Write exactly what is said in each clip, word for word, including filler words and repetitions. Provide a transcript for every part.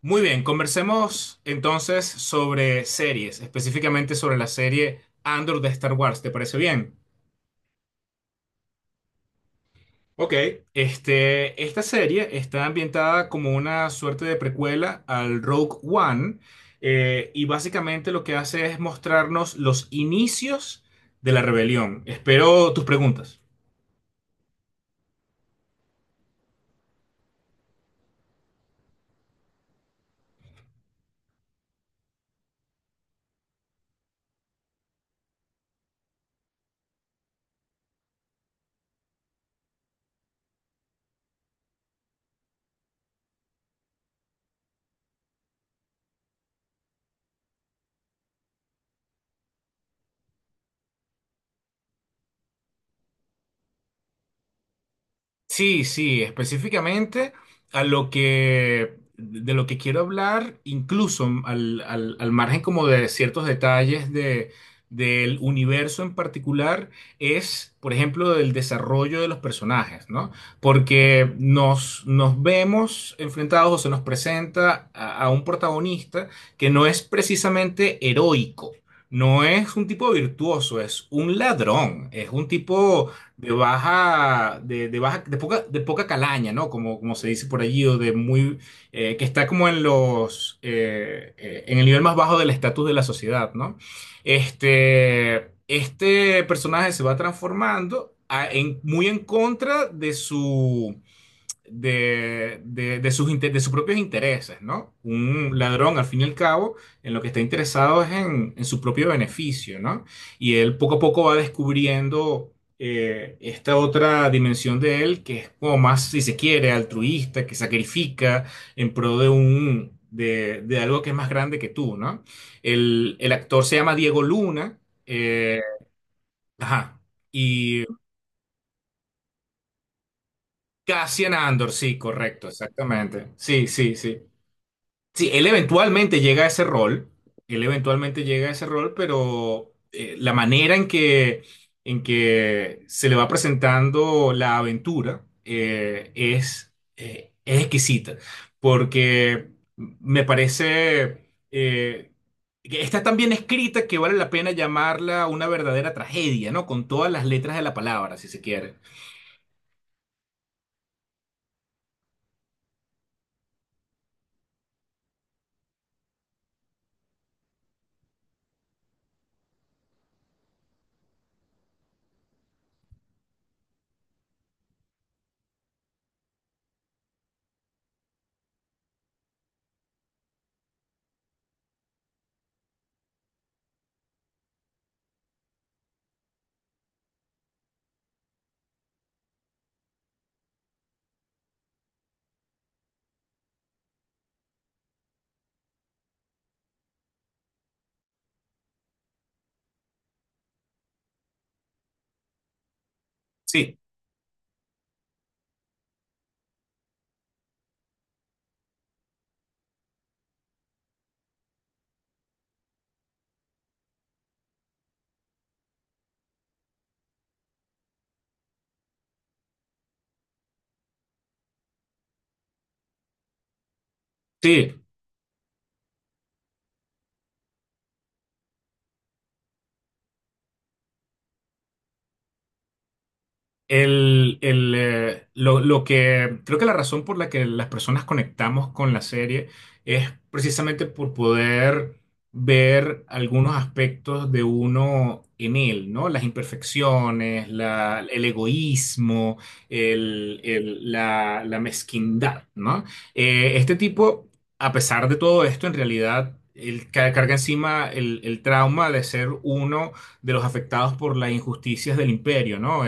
Muy bien, conversemos entonces sobre series, específicamente sobre la serie Andor de Star Wars, ¿te parece bien? Ok. Este, esta serie está ambientada como una suerte de precuela al Rogue One eh, y básicamente lo que hace es mostrarnos los inicios de la rebelión. Espero tus preguntas. Sí, sí, específicamente a lo que de lo que quiero hablar, incluso al, al- al margen como de ciertos detalles de, del universo en particular, es, por ejemplo, del desarrollo de los personajes, ¿no? Porque nos, nos vemos enfrentados o se nos presenta a, a un protagonista que no es precisamente heroico. No es un tipo virtuoso, es un ladrón, es un tipo de baja, de, de baja, de poca, de poca calaña, ¿no? Como, como se dice por allí, o de muy, eh, que está como en los, eh, eh, en el nivel más bajo del estatus de la sociedad, ¿no? Este, este personaje se va transformando a- en- muy en contra de su de, de- de sus, inte- de sus propios intereses, ¿no? Un ladrón, al fin y al cabo, en lo que está interesado es en, en su propio beneficio, ¿no? Y él poco a poco va descubriendo eh, esta otra dimensión de él, que es como más, si se quiere, altruista, que sacrifica en pro de un... De, de algo que es más grande que tú, ¿no? El, el actor se llama Diego Luna, eh, ajá, y Cassian Andor, sí, correcto, exactamente. Sí, sí, sí. Sí, él eventualmente llega a ese rol, él eventualmente llega a ese rol, pero eh, la manera en que, en que se le va presentando la aventura eh, es, eh, es exquisita, porque me parece eh, que está tan bien escrita que vale la pena llamarla una verdadera tragedia, ¿no? Con todas las letras de la palabra, si se quiere. Sí, sí. El, el, eh, lo, lo que creo que la razón por la que las personas conectamos con la serie es precisamente por poder ver algunos aspectos de uno en él, ¿no? Las imperfecciones, la- el egoísmo, el- el- la, la mezquindad, ¿no? Eh, este tipo, a pesar de todo esto, en realidad, él ca- carga encima el, el trauma de ser uno de los afectados por las injusticias del imperio, ¿no?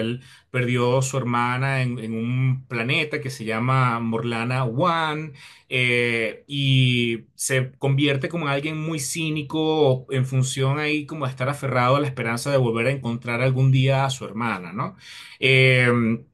Perdió su hermana en, en un planeta que se llama Morlana One, eh, y se convierte como en alguien muy cínico en función ahí como de estar aferrado a la esperanza de volver a encontrar algún día a su hermana, ¿no? Em,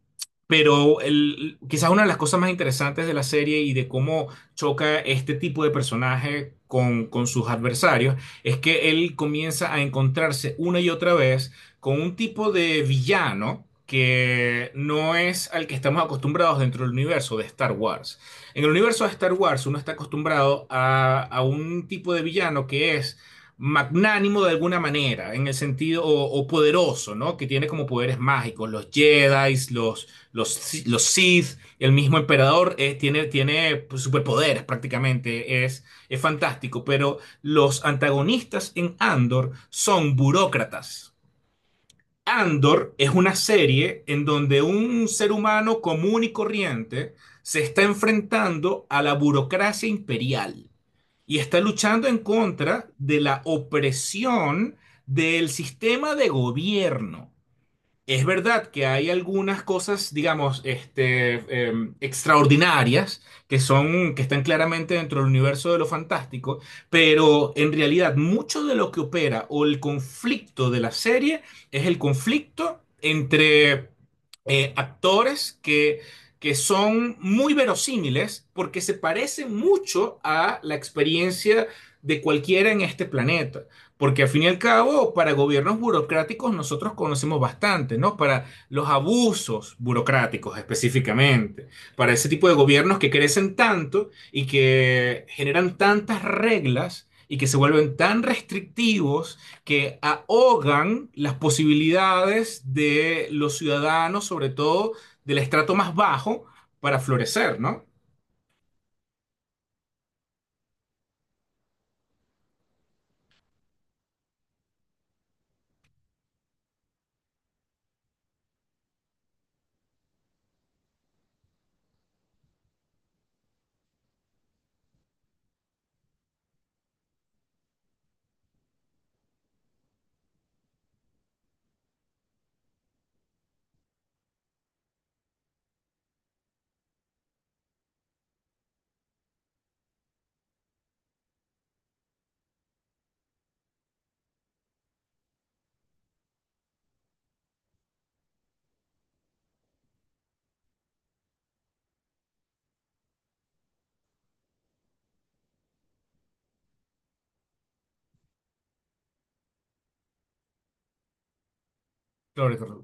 pero el- quizás una de las cosas más interesantes de la serie y de cómo choca este tipo de personaje con, con sus adversarios es que él comienza a encontrarse una y otra vez con un tipo de villano que no es al que estamos acostumbrados dentro del universo de Star Wars. En el universo de Star Wars uno está acostumbrado a, a un tipo de villano que es magnánimo de alguna manera, en el sentido, o, o poderoso, ¿no? Que tiene como poderes mágicos, los Jedi, los, los, los Sith, el mismo emperador eh, tiene, tiene pues, superpoderes prácticamente, es, es fantástico, pero los antagonistas en Andor son burócratas. Andor es una serie en donde un ser humano común y corriente se está enfrentando a la burocracia imperial y está luchando en contra de la opresión del sistema de gobierno. Es verdad que hay algunas cosas, digamos, este, em, extraordinarias que son, que están claramente dentro del universo de lo fantástico, pero en realidad mucho de lo que opera o el conflicto de la serie es el conflicto entre eh, actores que, que son muy verosímiles porque se parecen mucho a la experiencia de cualquiera en este planeta. Porque al fin y al cabo, para gobiernos burocráticos nosotros conocemos bastante, ¿no? Para los abusos burocráticos específicamente, para ese tipo de gobiernos que crecen tanto y que generan tantas reglas y que se vuelven tan restrictivos que ahogan las posibilidades de los ciudadanos, sobre todo del estrato más bajo, para florecer, ¿no? Claro,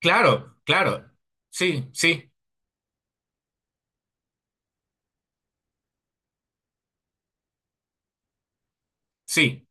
claro, claro. Sí, sí, sí.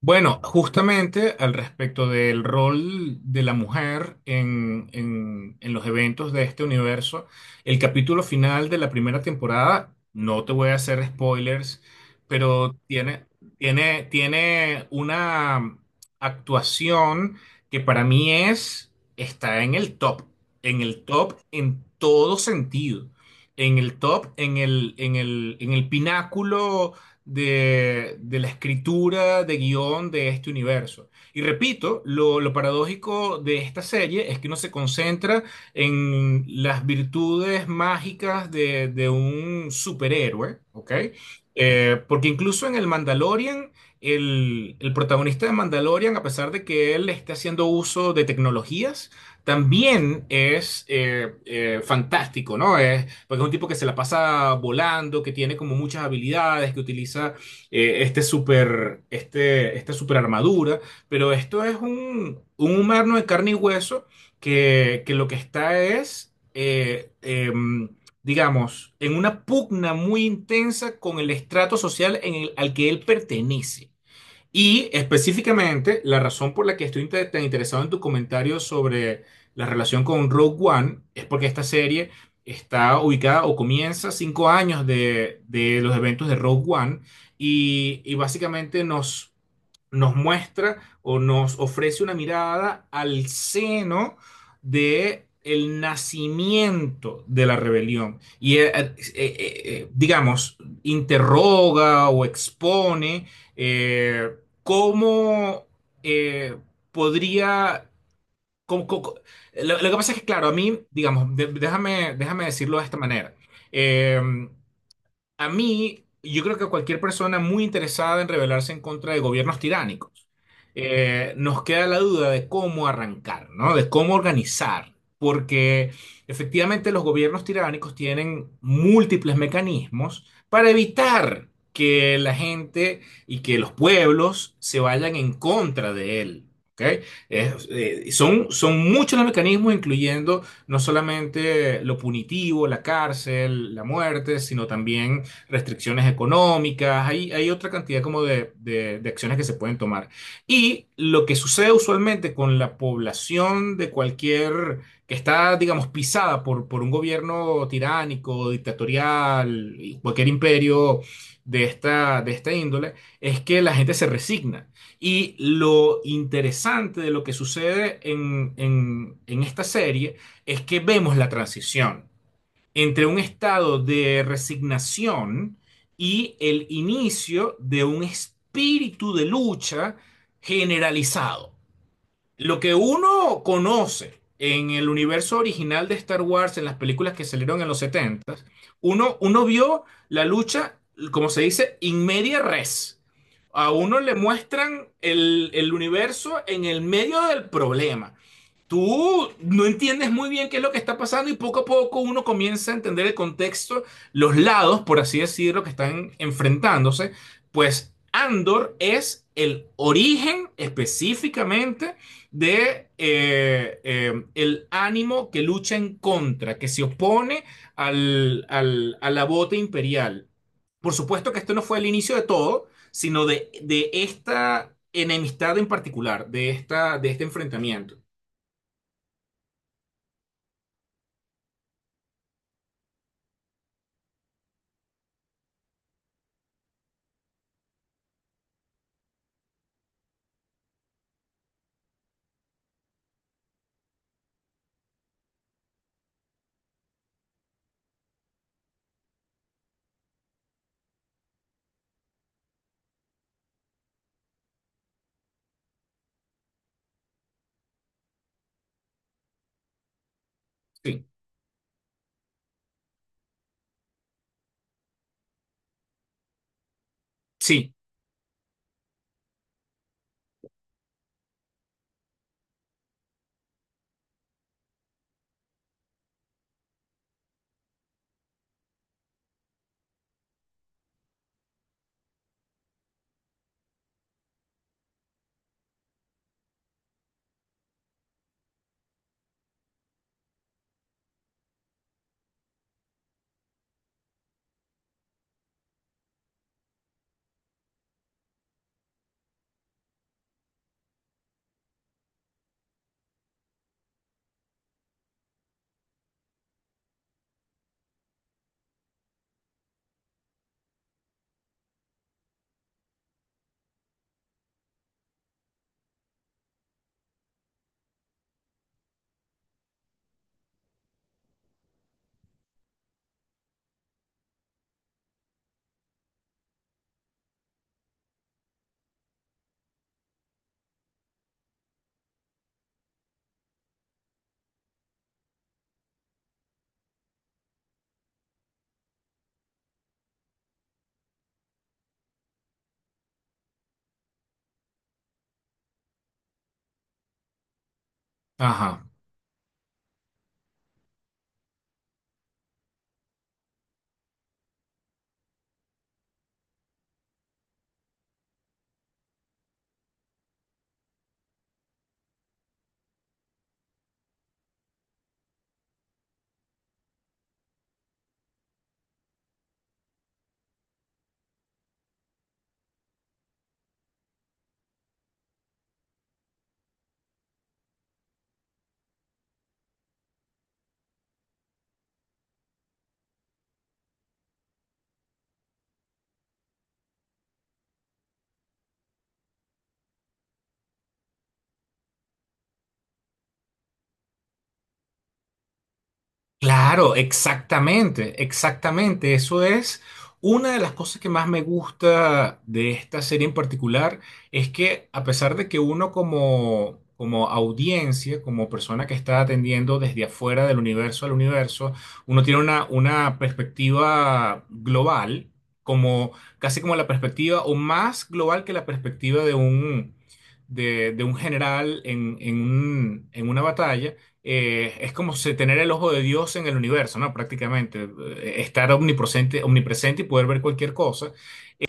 Bueno, justamente al respecto del rol de la mujer en, en- en los eventos de este universo, el capítulo final de la primera temporada, no te voy a hacer spoilers, pero tiene, tiene, tiene una actuación que para mí es, está en el top, en el top en todo sentido, en el top, en el, en el, en el pináculo de, de la escritura de guión de este universo. Y repito, lo, lo paradójico de esta serie es que uno se concentra en las virtudes mágicas de, de un superhéroe, ¿ok? Eh, porque incluso en el Mandalorian, el, el protagonista de Mandalorian, a pesar de que él esté haciendo uso de tecnologías, también es eh, eh, fantástico, ¿no? Es, porque es un tipo que se la pasa volando, que tiene como muchas habilidades, que utiliza eh, este super, este, esta super armadura, pero esto es un, un humano de carne y hueso que, que lo que está es, eh, em, digamos, en una pugna muy intensa con el estrato social en el- al que él pertenece. Y específicamente, la razón por la que estoy inte- tan interesado en tu comentario sobre la relación con Rogue One es porque esta serie está ubicada o comienza cinco años de, de los eventos de Rogue One y, y básicamente nos, nos muestra o nos ofrece una mirada al seno de el nacimiento de la rebelión y eh, eh, eh, eh, digamos, interroga o expone. Eh, ¿Cómo eh, podría... cómo- cómo- lo, lo que pasa es que, claro, a mí, digamos, de- déjame, déjame decirlo de esta manera. Em, a mí, yo creo que a cualquier persona muy interesada en rebelarse en contra de gobiernos tiránicos, eh, nos queda la duda de cómo arrancar, ¿no? De cómo organizar, porque efectivamente los gobiernos tiránicos tienen múltiples mecanismos para evitar que la gente y que los pueblos se vayan en contra de él. ¿Ok? Es- eh, son, son muchos los mecanismos, incluyendo no solamente lo punitivo, la cárcel, la muerte, sino también restricciones económicas, hay, hay otra cantidad como de, de- de acciones que se pueden tomar. Y lo que sucede usualmente con la población de cualquier que está, digamos, pisada por, por un gobierno tiránico, dictatorial, y cualquier imperio de esta, de esta índole, es que la gente se resigna. Y lo interesante de lo que sucede en, en en esta serie es que vemos la transición entre un estado de resignación y el inicio de un espíritu de lucha generalizado. Lo que uno conoce en el universo original de Star Wars, en las películas que salieron en los setenta, uno, uno vio la lucha, como se dice, in media res. A uno le muestran el, el universo en el medio del problema. Tú no entiendes muy bien qué es lo que está pasando y poco a poco uno comienza a entender el contexto, los lados, por así decirlo, que están enfrentándose. Pues Andor es el origen específicamente de eh, eh, el ánimo que lucha en contra, que se opone al- al- a la bota imperial. Por supuesto que esto no fue el inicio de todo, sino de, de esta enemistad en particular, de esta, de este enfrentamiento. Sí. Sí, ajá. Claro, exactamente, exactamente. Eso es una de las cosas que más me gusta de esta serie en particular, es que a pesar de que uno como, como audiencia, como persona que está atendiendo desde afuera del universo al universo, uno tiene una, una perspectiva global, como casi como la perspectiva, o más global que la perspectiva de un, de, de un general en en un- en una batalla eh, es como se- tener el ojo de Dios en el universo, ¿no? Prácticamente, eh, estar omnipresente, omnipresente y poder ver cualquier cosa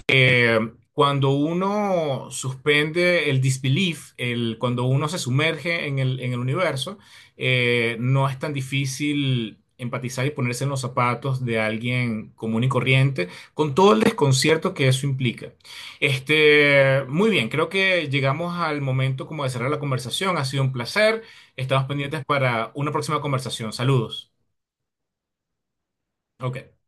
eh, cuando uno suspende el disbelief, el, cuando uno se sumerge en el, en el universo, eh, no es tan difícil empatizar y ponerse en los zapatos de alguien común y corriente, con todo el desconcierto que eso implica. Este, muy bien, creo que llegamos al momento como de cerrar la conversación. Ha sido un placer. Estamos pendientes para una próxima conversación. Saludos. Ok.